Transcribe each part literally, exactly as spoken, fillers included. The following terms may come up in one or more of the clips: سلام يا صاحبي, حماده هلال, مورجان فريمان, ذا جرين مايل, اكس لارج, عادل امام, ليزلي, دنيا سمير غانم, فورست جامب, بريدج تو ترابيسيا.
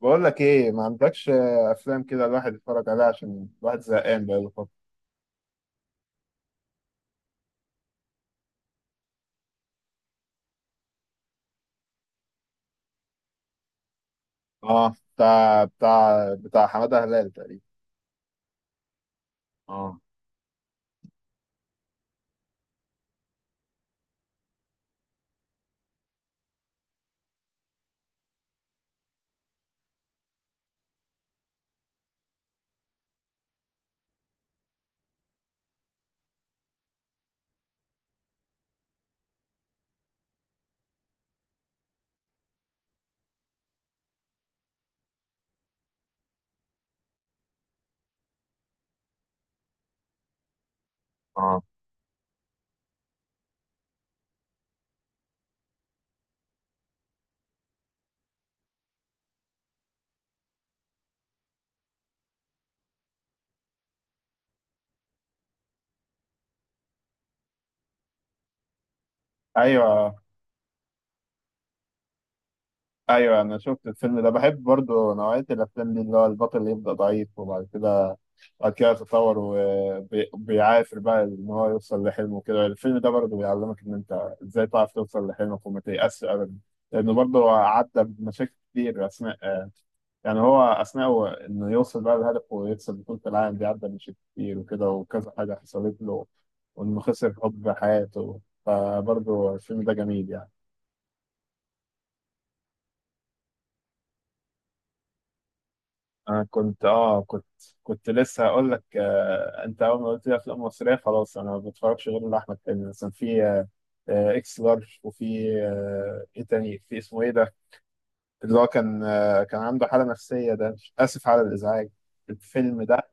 بقول لك ايه، ما عندكش افلام كده الواحد يتفرج عليها عشان الواحد زهقان بقاله فتره؟ اه، بتاع بتاع بتاع حماده هلال تقريبا. اه، اه، ايوه، ايوه، انا شفت الفيلم ده، بحب برضو نوعيه الافلام دي، اللي هو البطل اللي يبدا ضعيف وبعد كده بعد كده يتطور، وبيعافر بقى ان هو يوصل لحلمه كده. الفيلم ده برضو بيعلمك ان انت ازاي تعرف توصل لحلمك وما تيأسش ابدا، لانه برضو عدى بمشاكل كتير اثناء يعني هو اثناء هو انه يوصل بقى لهدفه ويكسب بطولة العالم دي، عدى من شيء كتير وكده، وكذا حاجة حصلت له، وانه خسر حب حياته. فبرضه الفيلم ده جميل يعني. انا كنت اه كنت كنت لسه هقول لك، آه انت اول ما قلت لي افلام مصرية خلاص انا ما بتفرجش غير لاحمد حلمي. مثلا في آه آه، اكس لارج، وفي آه ايه تاني في اسمه ايه ده، اللي هو كان آه كان عنده حالة نفسية. ده اسف على الازعاج. الفيلم ده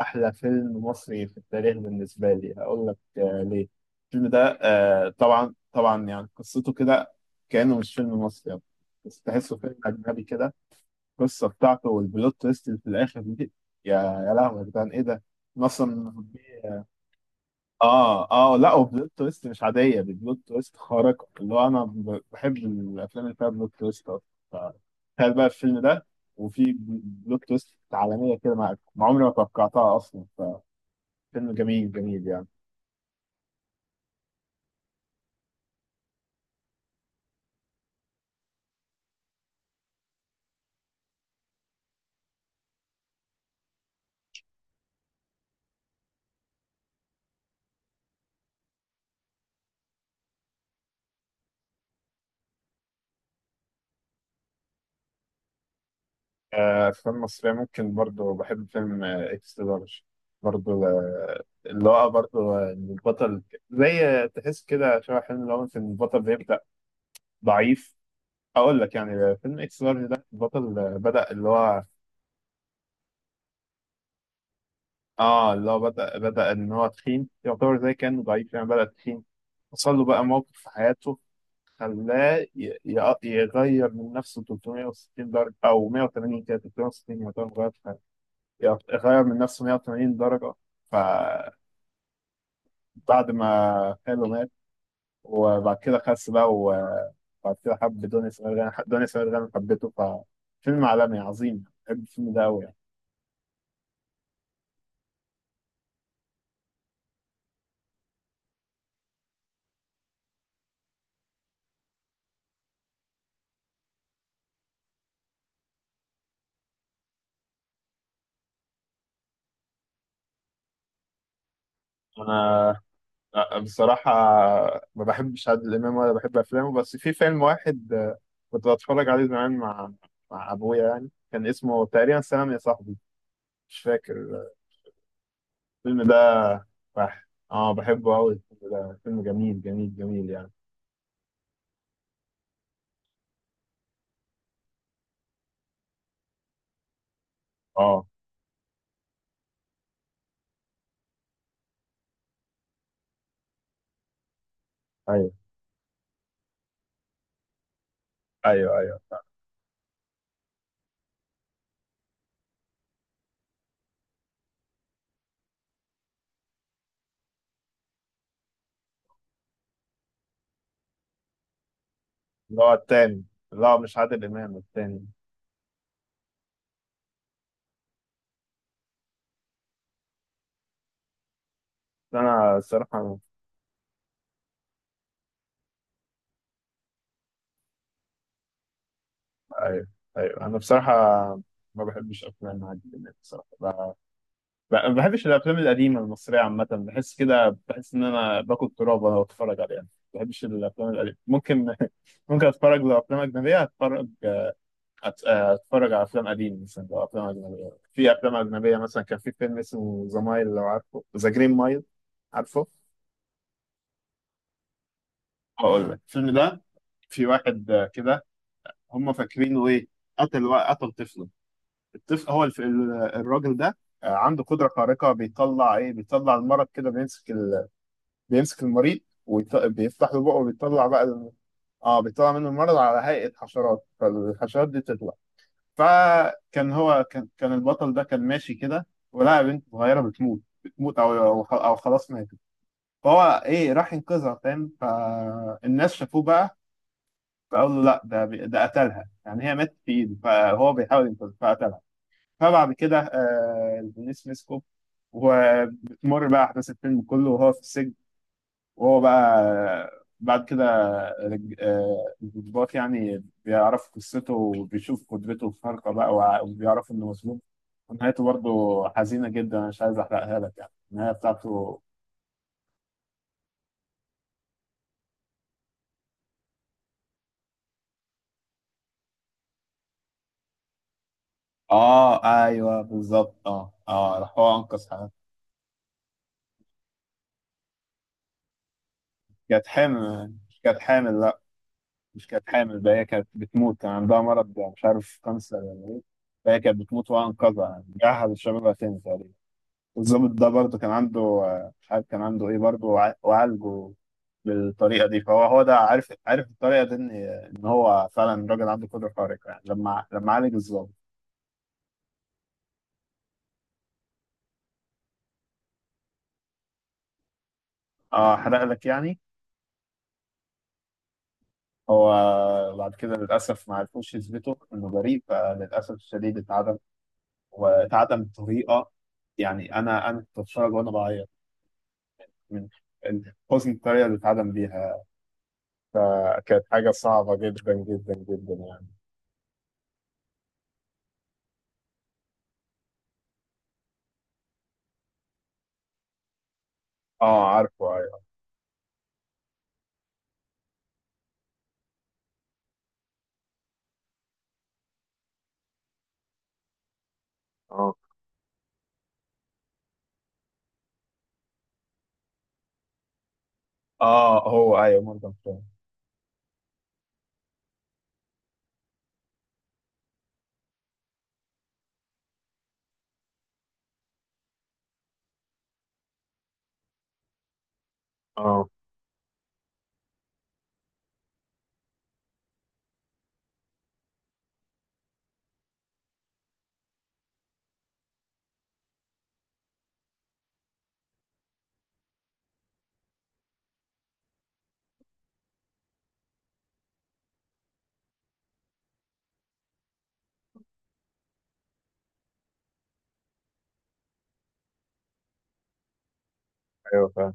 أحلى فيلم مصري في التاريخ بالنسبة لي. هقول لك آه، ليه. الفيلم ده آه، طبعا طبعا يعني قصته كده كأنه مش فيلم مصري يعني. بس تحسه فيلم أجنبي كده، القصة بتاعته والبلوت تويست اللي في الآخر دي، يا يا لهوي يا جدعان إيه ده؟ أنا أصلا آه آه لا، وبلوت تويست مش عادية، دي بلوت تويست خارقة. اللي هو أنا ب- بحب الأفلام اللي فيها بلوت تويست أصلا. ف- تخيل بقى الفيلم ده، وفي بلوت تويست عالمية كده، مع مع عمري ما توقعتها أصلا. فيلم جميل جميل يعني. آه، أفلام مصرية ممكن، برضو بحب فيلم آه، إكس لارج، برضو آه، اللي هو برضو آه، إن البطل زي آه، تحس كده شبه حلم، اللي هو إن البطل بيبدأ ضعيف. أقول لك يعني، آه، فيلم إكس لارج ده البطل آه، بدأ اللي هو آه اللي هو بدأ بدأ إن هو تخين، يعتبر زي كأنه ضعيف يعني، بدأ تخين، حصل له بقى موقف في حياته، خلاه ي- ي- يغير من نفسه ثلاثمية وستين درجة أو مية وتمانين، كده ثلاثمية وستين يعتبر غير، يغ- غير من نفسه مية وتمانين درجة. فبعد ما خاله مات، وبعد كده خس بقى، وبعد كده حب دنيا سمير غانم، دنيا سمير غانم حبته. ففيلم عالمي عظيم، بحب الفيلم ده أوي يعني. أنا أ- بصراحة ما بحبش عادل إمام ولا بحب أفلامه، بس في فيلم واحد آه، كنت بتفرج عليه زمان مع مع أبويا، يعني كان اسمه تقريبا سلام يا صاحبي، مش فاكر. الفيلم ده بح... اه بحبه أوي، الفيلم ده فيلم جميل جميل جميل يعني. اه. أيوة. ايوه، ايوه، اللي هو التاني، اللي هو مش عادل امام التاني. بس انا الصراحه. ايوه، ايوه، انا بصراحه ما بحبش افلام عادل امام الصراحه، ب- ب- ما بحبش الافلام القديمه المصريه عامه، بحس كده، بحس ان انا باكل تراب وانا بتفرج عليها. ما بحبش الافلام القديمه. ممكن ممكن اتفرج. لو افلام اجنبيه اتفرج، أت- اتفرج على افلام قديمه، مثلا لو افلام اجنبيه، في افلام اجنبيه مثلا كان في فيلم اسمه ذا مايل، لو عارفه، ذا جرين مايل، عارفه هقول لك، الفيلم ده في واحد كده، هم فاكرينه ايه، قتل قتل طفله. الطفل هو الف... ال- الراجل ده آه، عنده قدرة خارقة، بيطلع ايه، بيطلع المرض كده، بيمسك ال... بيمسك المريض، وبيفتح له بقه وبيطلع بقى ال... اه بيطلع منه المرض على هيئة حشرات، فالحشرات دي تطلع. فكان هو كان كان البطل ده كان ماشي كده، ولقى بنت صغيرة بتموت، بتموت او او أو خلاص ماتت. فهو ايه راح ينقذها، فاهم، فالناس شافوه بقى، فقال له لا، ده بي- ده قتلها، يعني هي ماتت في ايده، فهو بيحاول ينقذها فقتلها. فبعد كده آه، البوليس مسكه، وبتمر بقى احداث الفيلم كله وهو في السجن، وهو بقى آه، بعد كده رج- آه، الضباط يعني بيعرفوا قصته، وبيشوف قدرته الخارقة بقى، وع- وبيعرفوا انه مظلوم. ونهايته برضه حزينة جدا، أنا مش عايز احرقها لك يعني النهاية بتاعته. اه، ايوه بالظبط. اه، اه، راح هو انقذ حياته. كانت حامل كانت حامل، مش كانت حامل بقى، هي كانت بتموت، كان عندها مرض، مش عارف كانسر ولا ايه. فهي كانت بتموت وأنا أنقذها، يعني رجعها لشبابها تاني تقريبا. الظابط ده برضه كان عنده آه، مش عارف كان عنده ايه برضه، وع- وعالجه بالطريقة دي. فهو هو ده عارف عارف الطريقة دي ان إن هو فعلا راجل عنده قدرة خارقة يعني، لما لما عالج الظابط. اه، حرق لك يعني. هو بعد كده للأسف ما عرفوش يثبتوا إنه بريء، فللأسف الشديد اتعدم، واتعدم بطريقة يعني، أنا أنا كنت بتفرج وأنا بعيط من حسن الطريقة اللي اتعدم بيها، فكانت حاجة صعبة جدا جدا جدا يعني. اه، عارفه، ايوه. اه، اه، هو ايوه مورجان فريمان. اه، ايوه فاهم.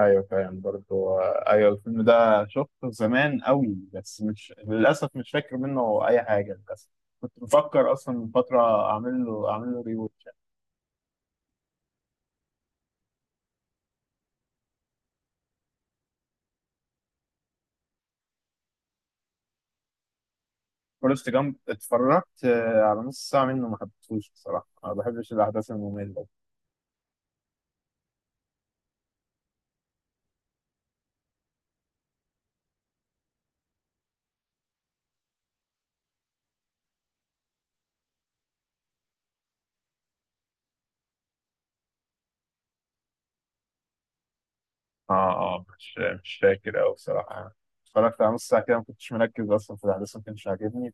ايوه فاهم برضه. آه، ايوه الفيلم ده شفته زمان قوي، بس مش للاسف مش فاكر منه اي حاجه للاسف. كنت بفكر اصلا من فتره اعمل له اعمل له ريوتش. فورست جامب اتفرجت آه، على نص ساعه منه، ما حبيتهوش بصراحه، ما بحبش الاحداث الممله. اه، اه، مش مش فاكر أوي بصراحة، اتفرجت على نص ساعة كده، ما كنتش مركز أصلا في الأحداث، ما كانش عاجبني،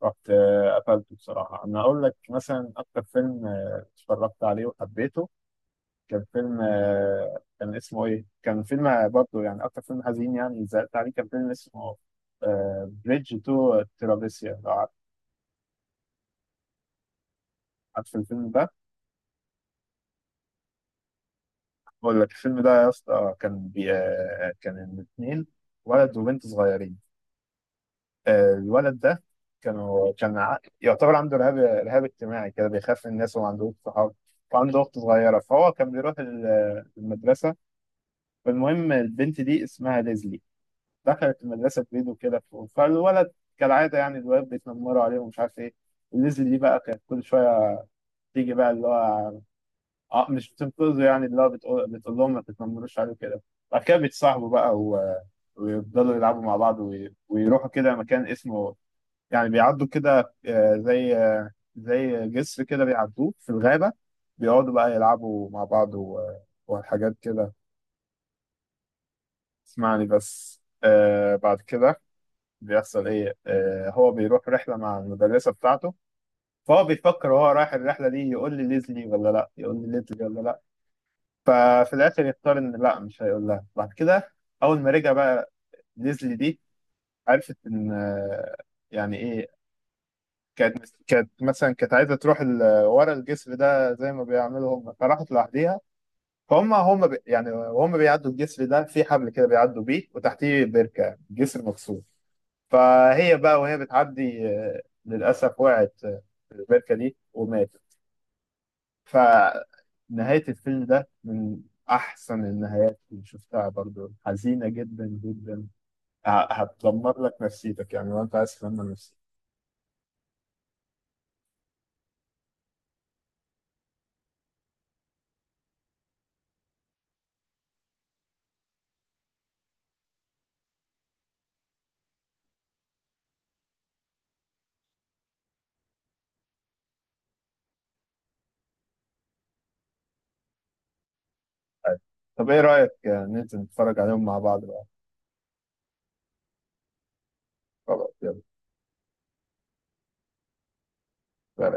فرحت آه، قفلته بصراحة. أنا أقول لك مثلا أكتر فيلم آه، اتفرجت عليه وحبيته، كان فيلم آه، كان اسمه إيه؟ كان فيلم آه، برضه يعني أكتر فيلم حزين يعني زعلت عليه، كان فيلم اسمه بريدج تو ترابيسيا، لو عارف، عارف الفيلم ده. أقول لك، الفيلم ده يا اسطى، كان بي آه، كان الاتنين ولد وبنت صغيرين. آه، الولد ده كانوا كان ع- يعتبر عنده رهاب رهاب اجتماعي كده، بيخاف من الناس وما عندهوش صحاب، وعنده أخت صغيرة، فهو كان بيروح ال- المدرسة. فالمهم البنت دي اسمها ليزلي، دخلت المدرسة جديد وكده، ف- فالولد كالعادة يعني الولاد بيتنمروا عليه ومش عارف إيه، ليزلي دي بقى كانت كل شوية تيجي بقى اللي هو آه، مش بتنقذه يعني، اللي هو بتقول, بتقول لهم ما تتنمروش عليه كده. بعد كده بيتصاحبوا بقى و... ويفضلوا يلعبوا مع بعض وي- ويروحوا كده مكان اسمه، يعني بيعدوا كده آه، زي آه، زي جسر كده بيعدوه في الغابة، بيقعدوا بقى يلعبوا مع بعض و- وحاجات كده. اسمعني بس، آه بعد كده بيحصل ايه. آه هو بيروح رحلة مع المدرسة بتاعته، فهو بيفكر وهو رايح الرحلة دي، يقول لي ليزلي ولا لا، يقول لي ليزلي ولا لا. ففي الآخر يختار إن لا، مش هيقول لها. بعد كده أول ما رجع بقى ليزلي دي عرفت إن آه، يعني إيه، كانت كانت مثلا كانت عايزه تروح ال- ورا الجسر ده زي ما بيعملوا هم، فراحت لوحديها. فهم هم بي يعني وهم بيعدوا الجسر ده في حبل كده بيعدوا بيه وتحتيه بركه، جسر مكسور. فهي بقى وهي بتعدي، آه، للأسف وقعت آه، في البركة دي وماتت. فنهاية الفيلم ده من أحسن النهايات اللي شفتها، برضو حزينة جدا جدا، ه- هتدمر لك نفسيتك يعني، وأنت عايز تدمر نفسيتك. طب إيه رأيك آه، ننزل نتفرج عليهم مع بعض بقى؟ خلاص، يلا. سلام.